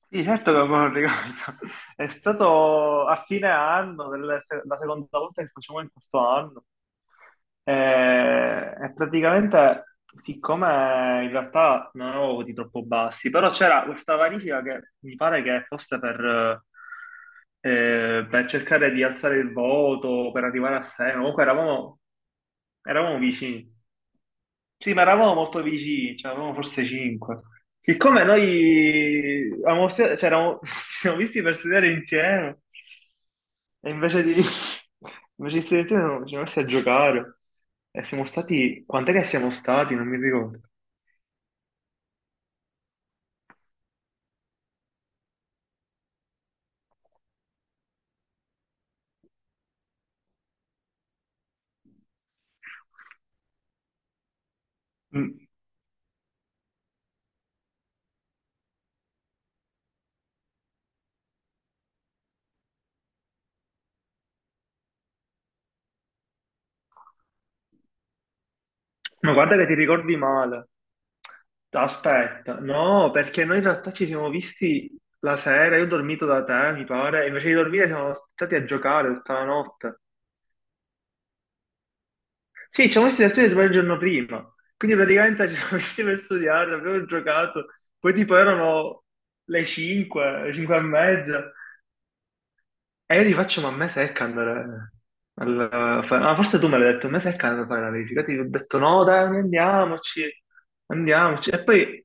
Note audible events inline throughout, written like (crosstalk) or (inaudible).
Sì, certo che me lo ricordo. (laughs) È stato a fine anno, del la seconda volta che facciamo in questo anno. E praticamente, siccome in realtà non avevo voti troppo bassi, però c'era questa verifica che mi pare che fosse per cercare di alzare il voto, per arrivare a sei, no? Comunque eravamo, eravamo vicini. Sì, ma eravamo molto vicini, cioè eravamo forse cinque. Siccome noi avevamo cioè, (laughs) ci siamo visti per studiare insieme, e (laughs) invece di studiare insieme ci siamo messi a giocare. E siamo stati... Quant'è che siamo stati? Non mi ricordo. Mm. Ma guarda che ti ricordi male. Aspetta, no, perché noi in realtà ci siamo visti la sera, io ho dormito da te, mi pare, e invece di dormire siamo stati a giocare tutta la notte. Sì, ci siamo messi da studio proprio il giorno prima, quindi praticamente ci siamo messi per studiare, abbiamo giocato, poi tipo erano le 5, 5 e mezza, e io gli faccio, ma a me secca andare ma forse tu me l'hai detto, a me secca andare a fare la verifica, ti ho detto no dai, andiamoci, andiamoci, e poi...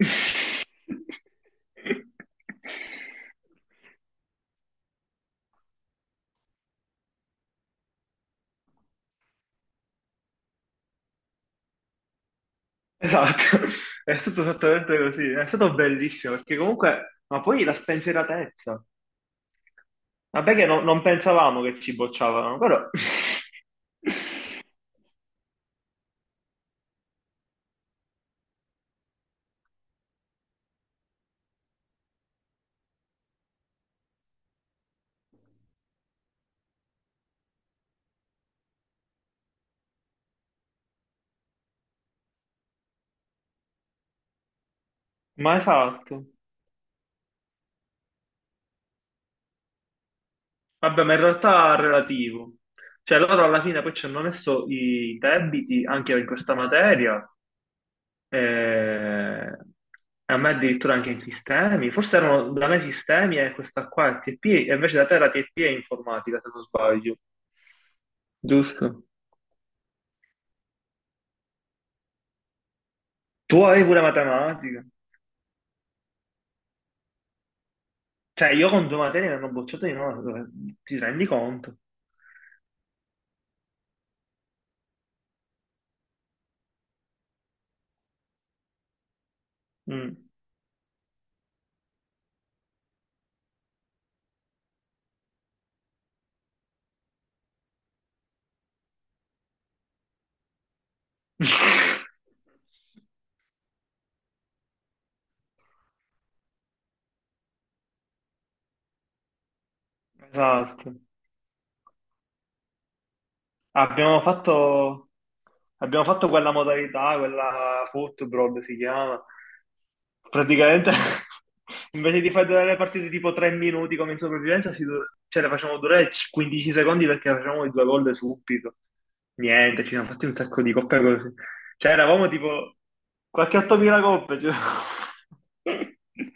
(laughs) Esatto, è stato esattamente così, è stato bellissimo perché comunque, ma poi la spensieratezza. Vabbè che non pensavamo che ci bocciavano, però (laughs) mai fatto. Vabbè, ma in realtà è relativo. Cioè loro alla fine poi ci hanno messo i debiti anche in questa materia, eh, a me addirittura anche in sistemi. Forse erano da me sistemi e questa qua è TP, e invece da te la TP è informatica, se non sbaglio. Giusto. Tu avevi pure matematica. Cioè io con due materie mi hanno bocciato di no, ti rendi conto? Mm. Esatto. Abbiamo fatto, abbiamo fatto quella modalità, quella football si chiama. Praticamente, (laughs) invece di fare durare le partite tipo 3 minuti come in sopravvivenza, cioè, le facciamo durare 15 secondi perché facciamo i due gol subito. Niente, ci siamo fatti un sacco di coppe così. Cioè, eravamo tipo qualche 8.000 coppe. Cioè. (laughs)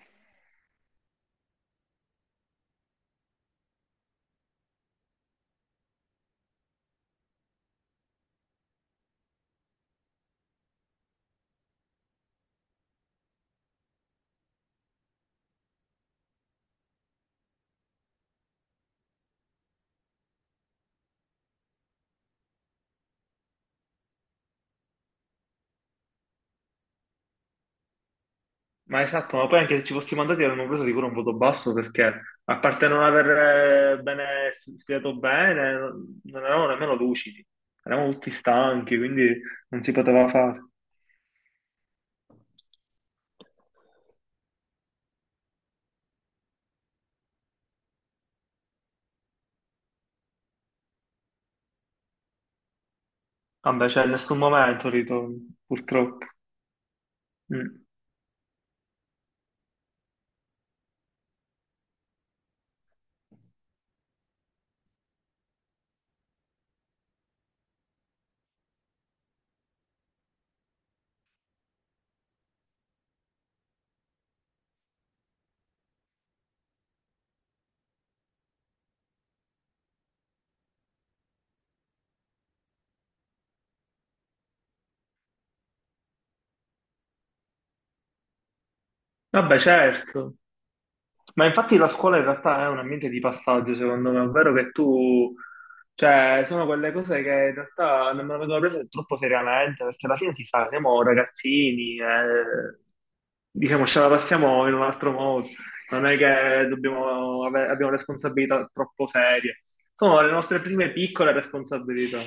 Ma esatto, ma poi anche se ci fossimo andati avremmo preso sicuro un voto basso perché, a parte non aver bene, studiato bene, non eravamo nemmeno lucidi, eravamo tutti stanchi, quindi non si poteva fare. Vabbè, c'è nessun momento ritorno, purtroppo. Mm. Vabbè, certo. Ma infatti la scuola in realtà è un ambiente di passaggio, secondo me, ovvero che tu, cioè, sono quelle cose che in realtà non me le vengono prese troppo seriamente, perché alla fine si sa, siamo ragazzini, diciamo, ce la passiamo in un altro modo, non è che dobbiamo abbiamo responsabilità troppo serie, sono le nostre prime piccole responsabilità.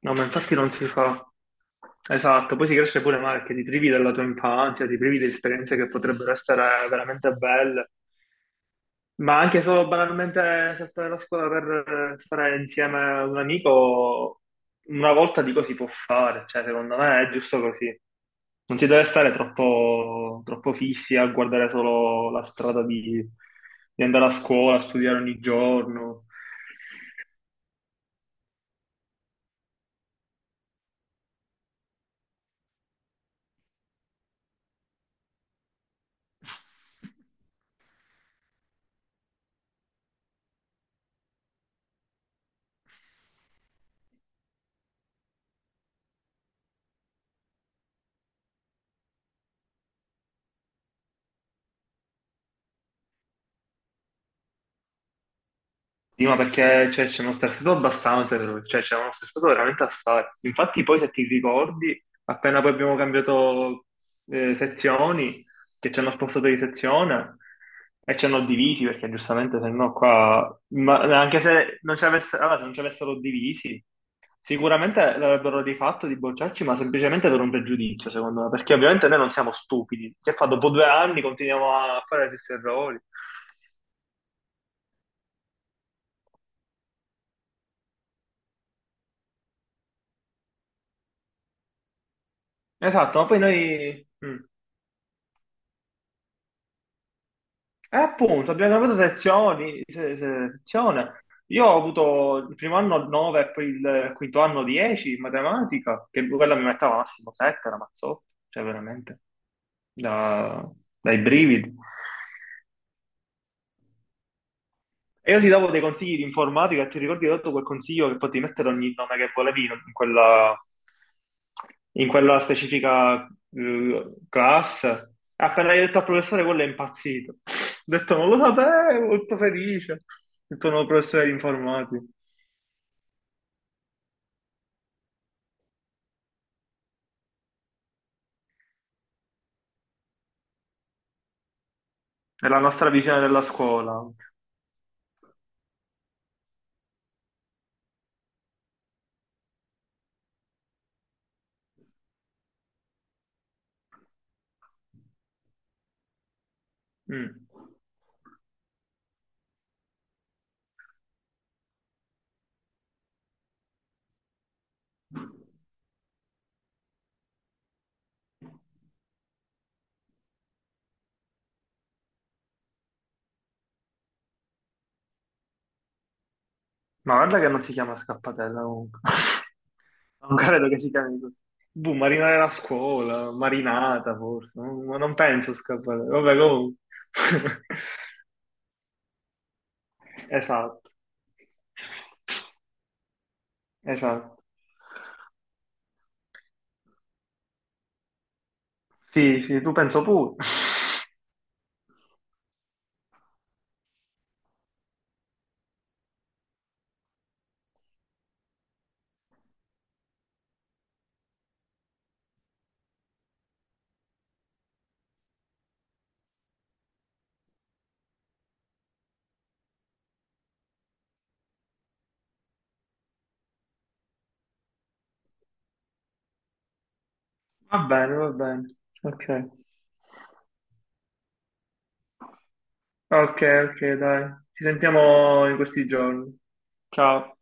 No, ma infatti non si fa. Esatto, poi si cresce pure male perché ti privi della tua infanzia, ti privi di esperienze che potrebbero essere veramente belle, ma anche solo banalmente saltare la scuola per stare insieme a un amico, una volta dico si può fare, cioè secondo me è giusto così. Non si deve stare troppo, troppo fissi a guardare solo la strada di andare a scuola, a studiare ogni giorno. Sì, ma perché cioè, ci hanno stressato abbastanza, cioè ci hanno stressato veramente assai. Infatti poi se ti ricordi, appena poi abbiamo cambiato sezioni, che ci hanno spostato di sezione e ci hanno divisi, perché giustamente se no qua, anche se non allora, se non ci avessero divisi, sicuramente l'avrebbero rifatto di bocciarci, ma semplicemente per un pregiudizio, secondo me, perché ovviamente noi non siamo stupidi. Che fa, dopo due anni continuiamo a fare gli stessi errori. Esatto, ma poi noi... mm. E appunto, abbiamo avuto sezioni, sezione. Io ho avuto il primo anno 9 e poi il quinto anno 10 in matematica, che quella mi metteva massimo 7, la mazzotto, cioè veramente, da- dai brividi. E io ti davo dei consigli di informatica e ti ricordi che ho dato quel consiglio che potevi mettere ogni nome che volevi in in quella specifica classe. Appena hai detto al professore, quello è impazzito. (laughs) Ho detto, non lo sapevo, molto felice. Ho detto, no, professore di informatica. È la nostra visione della scuola. Mm. Ma guarda che non si chiama scappatella comunque. Non credo che si chiami così. Boh, marinare la scuola, marinata forse, ma non penso scappare. Vabbè, comunque. (laughs) Esatto, esatto. Sì, sì, tu penso pure. Va bene, va bene. Ok, ok, ok, dai. Ci sentiamo in questi giorni. Ciao.